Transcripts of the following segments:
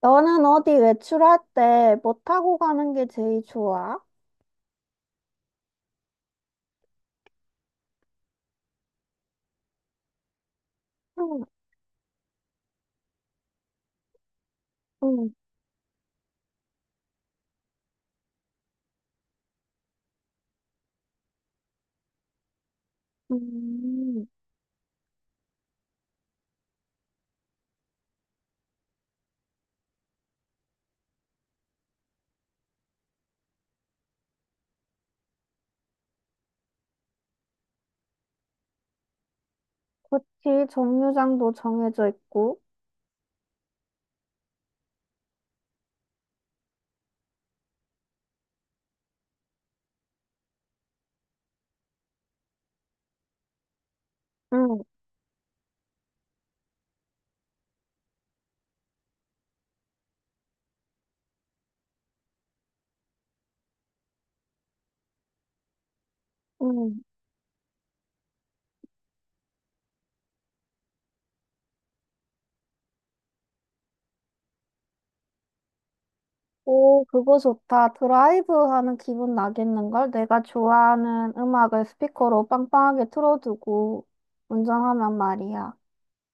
너는 어디 외출할 때 뭐 타고 가는 게 제일 좋아? 응, 응, 음. 그치, 정류장도 정해져 있고. 응, 응. 오, 그거 좋다. 드라이브 하는 기분 나겠는걸? 내가 좋아하는 음악을 스피커로 빵빵하게 틀어두고 운전하면 말이야.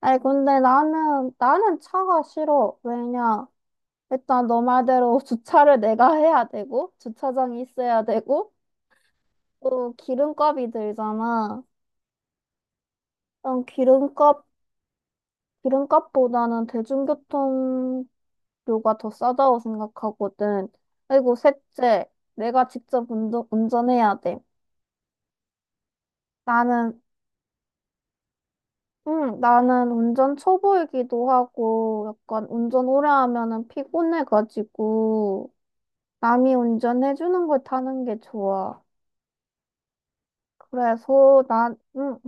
아이, 근데 나는 차가 싫어. 왜냐? 일단 너 말대로 주차를 내가 해야 되고, 주차장이 있어야 되고, 또 기름값이 들잖아. 난 기름값보다는 대중교통료가 더 싸다고 생각하거든. 그리고 셋째, 내가 직접 운전해야 돼. 나는, 응, 나는 운전 초보이기도 하고, 약간 운전 오래 하면은 피곤해가지고, 남이 운전해주는 걸 타는 게 좋아. 그래서 난, 응,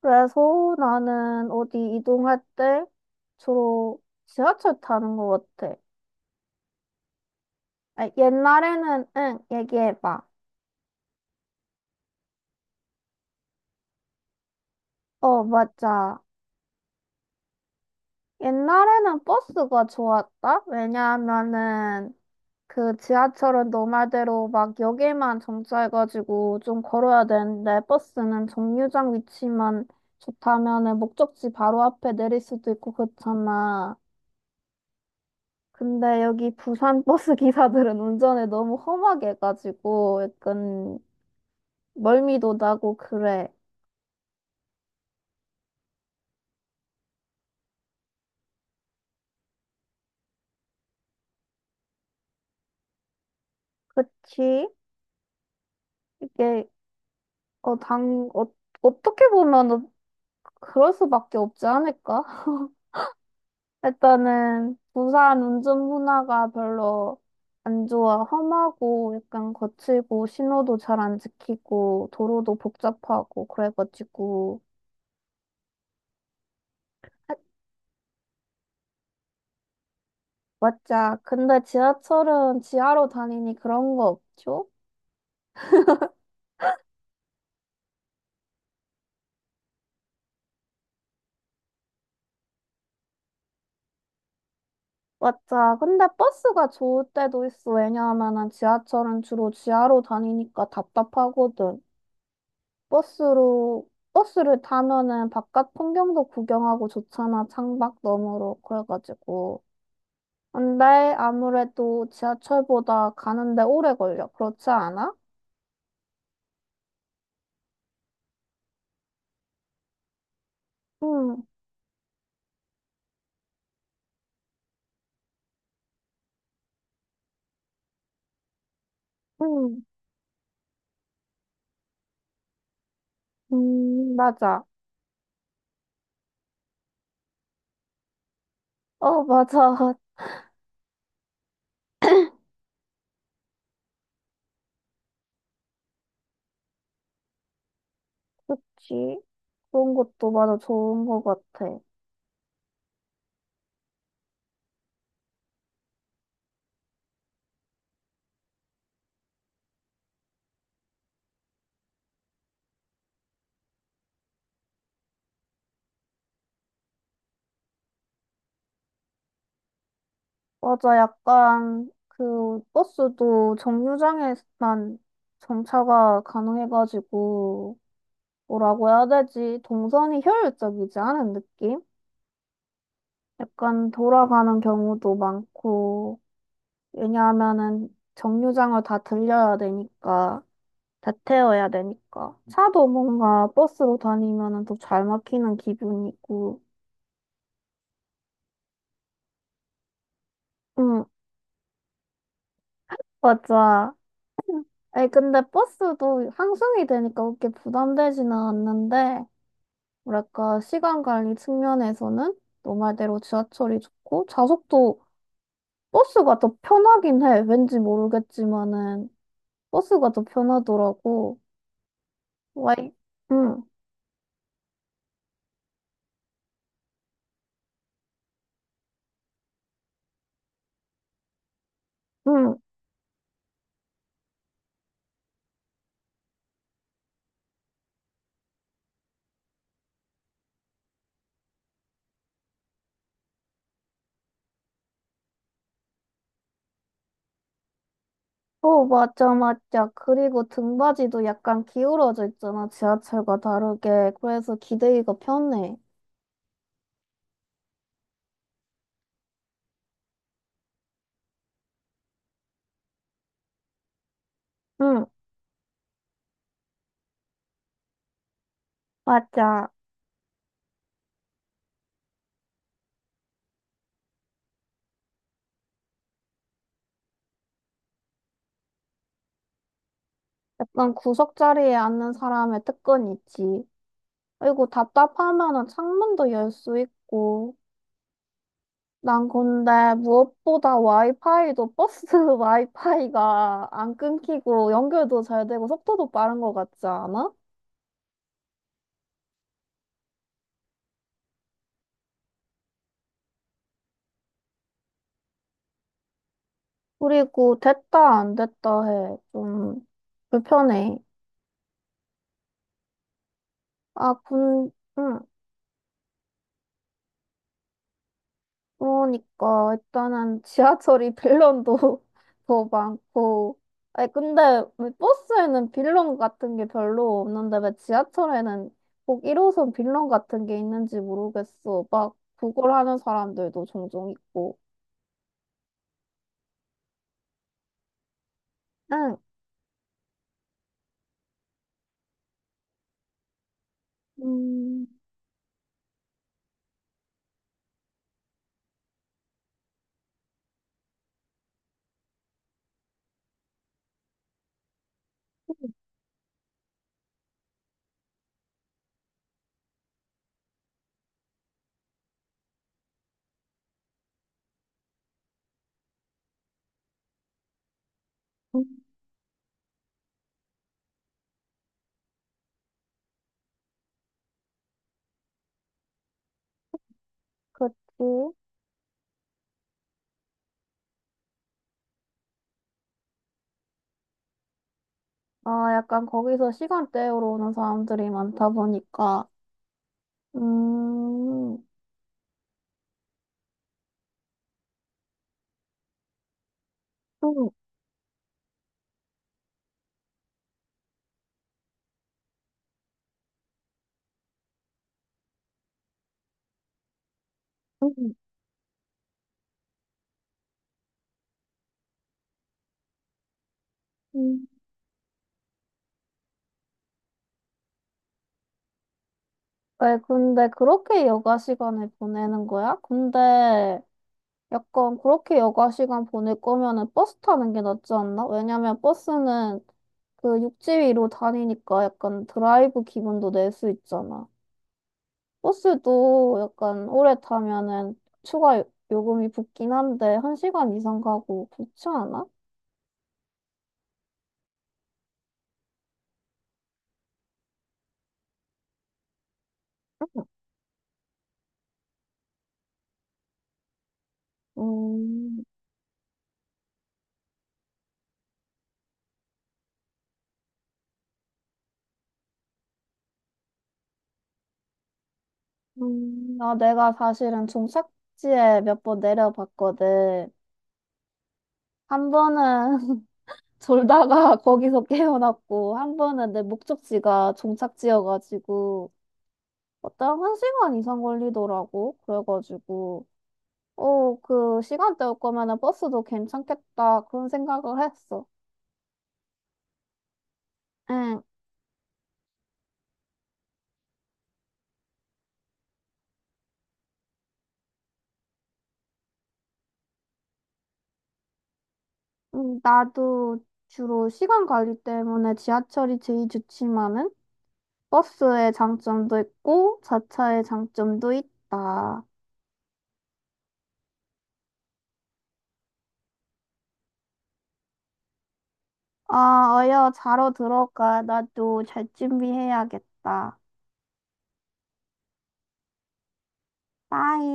그래서 나는 어디 이동할 때 주로 지하철 타는 것 같아. 아, 옛날에는, 응, 얘기해봐. 어, 맞아. 옛날에는 버스가 좋았다? 왜냐하면은 그 지하철은 너 말대로 막 역에만 정차해가지고 좀 걸어야 되는데 버스는 정류장 위치만 좋다면은 목적지 바로 앞에 내릴 수도 있고 그렇잖아. 근데 여기 부산 버스 기사들은 운전을 너무 험하게 해가지고 약간 멀미도 나고 그래. 그치? 이게 어, 당, 어, 어떻게 보면 그럴 수밖에 없지 않을까? 일단은 부산 운전 문화가 별로 안 좋아. 험하고 약간 거칠고 신호도 잘 안 지키고 도로도 복잡하고 그래가지고 맞자. 근데 지하철은 지하로 다니니 그런 거 없죠? 맞아. 근데 버스가 좋을 때도 있어. 왜냐하면은 지하철은 주로 지하로 다니니까 답답하거든. 버스를 타면은 바깥 풍경도 구경하고 좋잖아. 창밖 너머로. 그래가지고. 근데 아무래도 지하철보다 가는데 오래 걸려. 그렇지 않아? 응, 응, 맞아. 어, 맞아. 그치. 그런 것도 맞아. 좋은 것 같아. 맞아, 약간 그 버스도 정류장에만 정차가 가능해가지고 뭐라고 해야 되지? 동선이 효율적이지 않은 느낌? 약간 돌아가는 경우도 많고 왜냐하면은 정류장을 다 들려야 되니까 다 태워야 되니까 차도 뭔가 버스로 다니면은 더 잘 막히는 기분이고 응 맞아. 아니 근데 버스도 항승이 되니까 그렇게 부담되지는 않는데 뭐랄까, 시간 관리 측면에서는 너 말대로 지하철이 좋고, 좌석도 버스가 더 편하긴 해. 왠지 모르겠지만은, 버스가 더 편하더라고. 와이, 응, 응. 어, 맞아, 맞아. 그리고 등받이도 약간 기울어져 있잖아, 지하철과 다르게. 그래서 기대기가 편해. 응, 맞아. 약간 구석 자리에 앉는 사람의 특권이 있지. 그리고 답답하면은 창문도 열 수 있고. 난 근데 무엇보다 와이파이도 버스 와이파이가 안 끊기고 연결도 잘 되고 속도도 빠른 것 같지 않아? 그리고 됐다 안 됐다 해. 좀 불편해. 아, 군, 응. 그러니까 일단은 지하철이 빌런도 더 많고 아니 근데 왜 버스에는 빌런 같은 게 별로 없는데 왜 지하철에는 꼭 1호선 빌런 같은 게 있는지 모르겠어 막 구걸 하는 사람들도 종종 있고 응 음, 그치. 아, 약간 거기서 시간 때우러 오는 사람들이 많다 보니까 음 음, 음. 음. 왜 근데 그렇게 여가 시간을 보내는 거야? 근데 약간 그렇게 여가 시간 보낼 거면은 버스 타는 게 낫지 않나? 왜냐면 버스는 그 육지 위로 다니니까 약간 드라이브 기분도 낼 수 있잖아. 버스도 약간 오래 타면은 요금이 붙긴 한데 한 시간 이상 가고 그렇지 않아? 음, 음, 아, 내가 사실은 종착지에 몇 번 내려봤거든. 한 번은 졸다가 거기서 깨어났고, 한 번은 내 목적지가 종착지여가지고, 어떤 한 시간 이상 걸리더라고. 그래가지고, 어, 그 시간대 올 거면은 버스도 괜찮겠다. 그런 생각을 했어. 응, 나도 주로 시간 관리 때문에 지하철이 제일 좋지만은, 버스의 장점도 있고, 자차의 장점도 있다. 아, 어여, 자러 들어가. 나도 잘 준비해야겠다. 빠이.